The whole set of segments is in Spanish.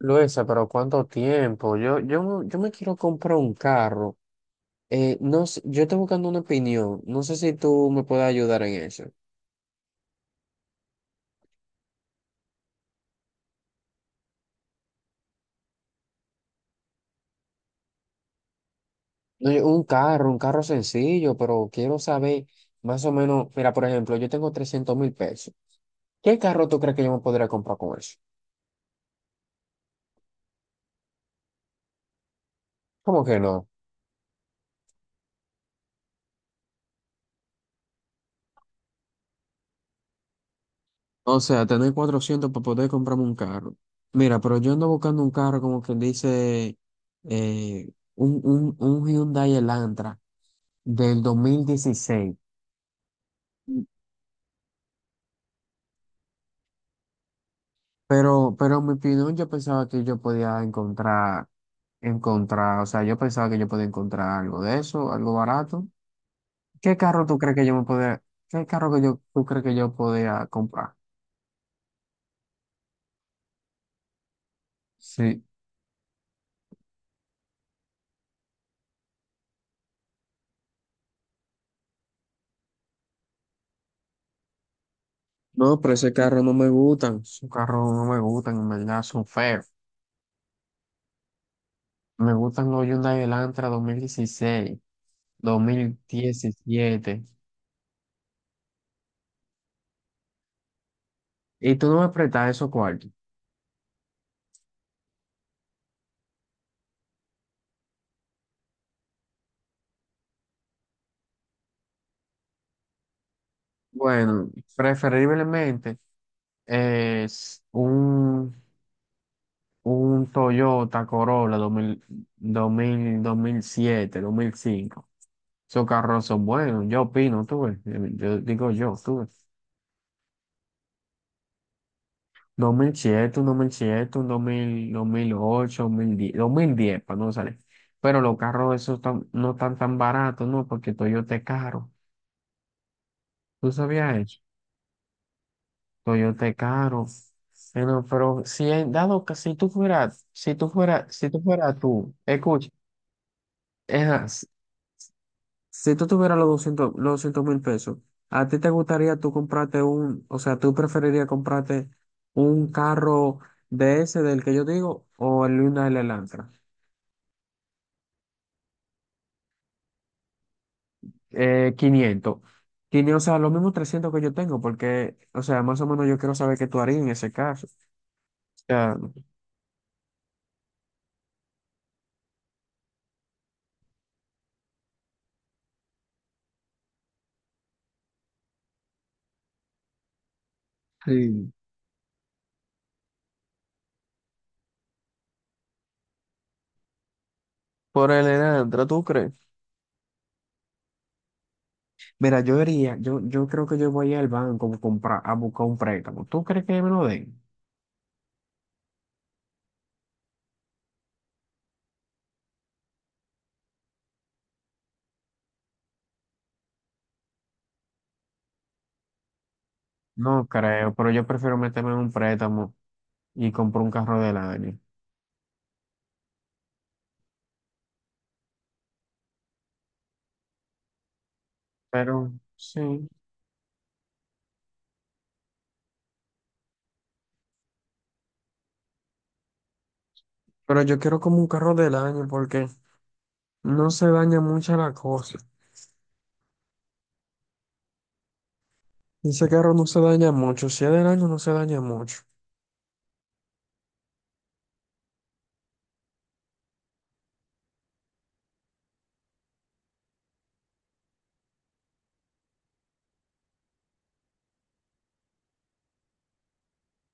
Luisa, pero ¿cuánto tiempo? Yo me quiero comprar un carro. No sé, yo estoy buscando una opinión. No sé si tú me puedes ayudar en eso. No, un carro sencillo, pero quiero saber más o menos. Mira, por ejemplo, yo tengo 300.000 pesos. ¿Qué carro tú crees que yo me podría comprar con eso? ¿Cómo que no? O sea, tener 400 para poder comprarme un carro. Mira, pero yo ando buscando un carro como que dice eh, un Hyundai Elantra del 2016. Pero en mi opinión, yo pensaba que yo podía encontrar, o sea, yo pensaba que yo podía encontrar algo de eso, algo barato. ¿Qué carro tú crees que yo me podía, qué carro que yo, Tú crees que yo podía comprar? Sí. No, pero ese carro no me gustan. Esos carros no me gustan, en verdad, son feos. Me gustan los Hyundai Elantra 2016, 2017. ¿Y tú no me prestas esos cuartos? Bueno, preferiblemente es un Toyota Corolla dos mil siete, 2005. Esos carros son buenos, yo opino, tú ves, yo digo yo, tú ves. Dos mil siete Un 2007, un 2000, 2008, 2010, para no salir. Pero los carros esos no están tan baratos, ¿no? Porque Toyota es caro. ¿Tú sabías eso? Coyote caro. Bueno, pero si en dado que si tú fueras tú, escucha, ejá, si tú tuvieras los 200.000 pesos, ¿a ti te gustaría tú o sea, tú preferirías comprarte un carro de ese del que yo digo o el Hyundai Elantra? 500. 500, o sea, los mismos 300 que yo tengo, porque, o sea, más o menos yo quiero saber qué tú harías en ese caso. O sea. Sí. Por el Elantra, ¿tú crees? Mira, yo diría, yo creo que yo voy al banco a comprar, a buscar un préstamo. ¿Tú crees que me lo den? No creo, pero yo prefiero meterme en un préstamo y comprar un carro del año. Pero sí, pero yo quiero como un carro del año porque no se daña mucho la cosa. Ese carro no se daña mucho. Si es del año, no se daña mucho.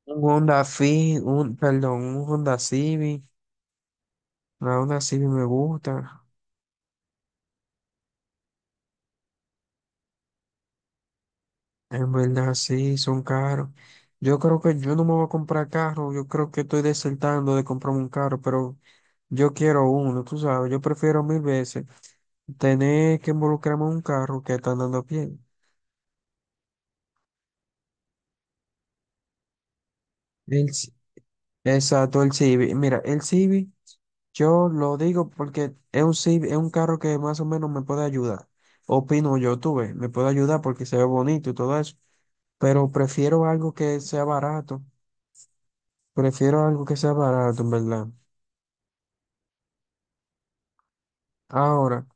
Un Honda Fit, un, perdón, un Honda Civic. La Honda Civic me gusta. En verdad, sí, son caros. Yo creo que yo no me voy a comprar carro, yo creo que estoy desertando de comprarme un carro, pero yo quiero uno, tú sabes, yo prefiero mil veces tener que involucrarme en un carro que está andando a pie. El, Ci- exacto, el Civic. Mira, el Civic, yo lo digo porque es un Civic, es un carro que más o menos me puede ayudar. Opino yo, tú ves, me puede ayudar porque se ve bonito y todo eso, pero prefiero algo que sea barato, prefiero algo que sea barato, en verdad. Ahora,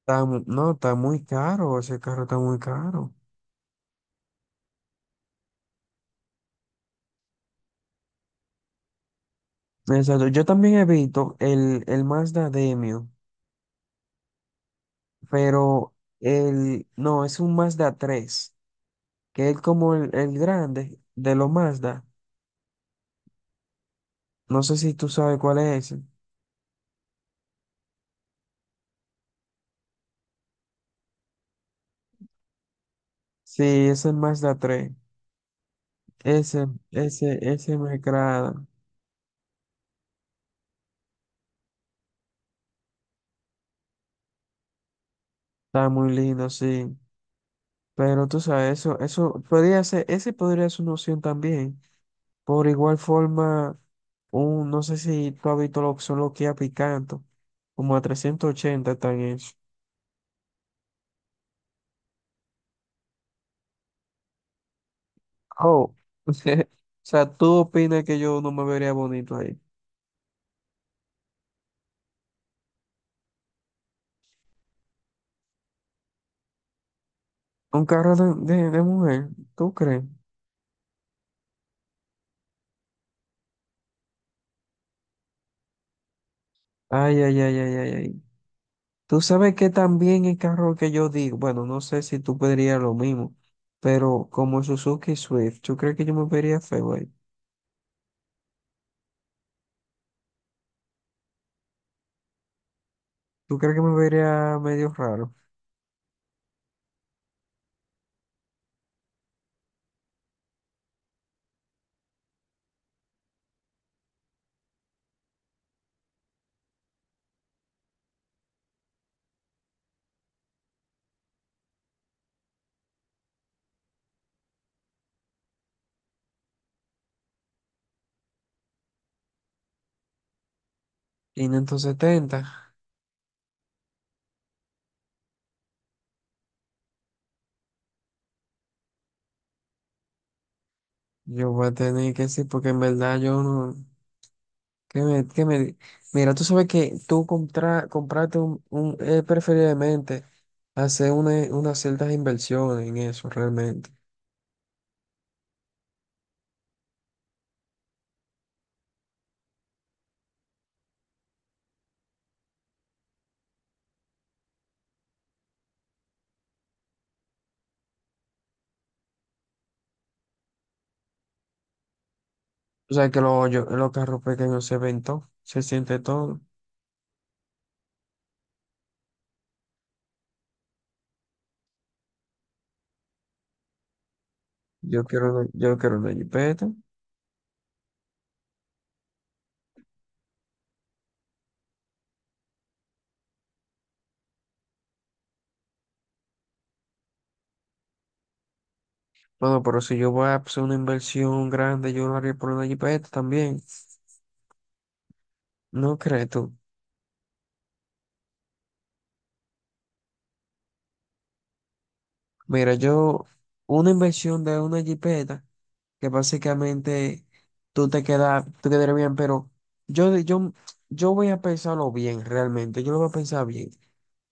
está no, está muy caro, ese carro está muy caro. Exacto, yo también evito el Mazda Demio, pero el, no, es un Mazda tres, que es como el grande de los Mazda. No sé si tú sabes cuál es ese. Sí, es el Mazda tres. Ese me agrada. Está muy lindo, sí. Pero tú sabes, ese podría ser una opción también. Por igual forma, no sé si tú has visto lo que son los Kia Picanto, como a 380 están eso. Oh, o sea, ¿tú opinas que yo no me vería bonito ahí? Un carro de mujer, ¿tú crees? Ay, ay, ay, ay, ay, ay. Tú sabes que también el carro que yo digo, bueno, no sé si tú pedirías lo mismo, pero como Suzuki Swift, ¿tú crees que yo me vería feo ahí? ¿Tú crees que me vería medio raro? 570. Yo voy a tener que decir, porque en verdad yo no. ¿Qué me? Mira, tú sabes que compraste un, preferiblemente hacer unas ciertas inversiones en eso realmente. O sea que los carros pequeños se ven todo, se siente todo. Yo quiero una jipeta. Bueno, pero si yo voy a hacer una inversión grande, yo lo haría por una jipeta también. ¿No crees tú? Mira, una inversión de una jipeta, que básicamente tú te quedas, tú quedarías bien, pero yo, yo, yo voy a pensarlo bien, realmente, yo lo voy a pensar bien,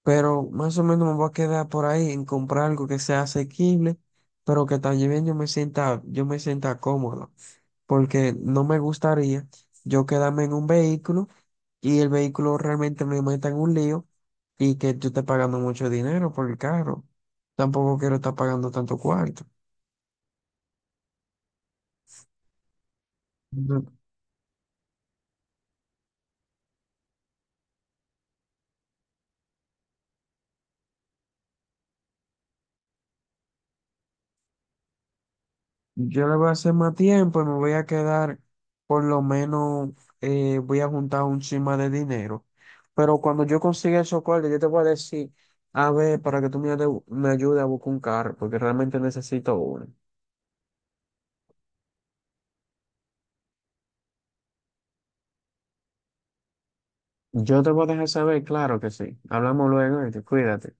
pero más o menos me voy a quedar por ahí en comprar algo que sea asequible, pero que también yo me sienta cómodo, porque no me gustaría yo quedarme en un vehículo y el vehículo realmente me meta en un lío y que yo esté pagando mucho dinero por el carro. Tampoco quiero estar pagando tanto cuarto. Yo le voy a hacer más tiempo y me voy a quedar, por lo menos, voy a juntar un chima de dinero. Pero cuando yo consiga esos cuartos, yo te voy a decir, a ver, para que tú me ayudes a buscar un carro, porque realmente necesito uno. Yo te voy a dejar saber, claro que sí. Hablamos luego y te cuídate.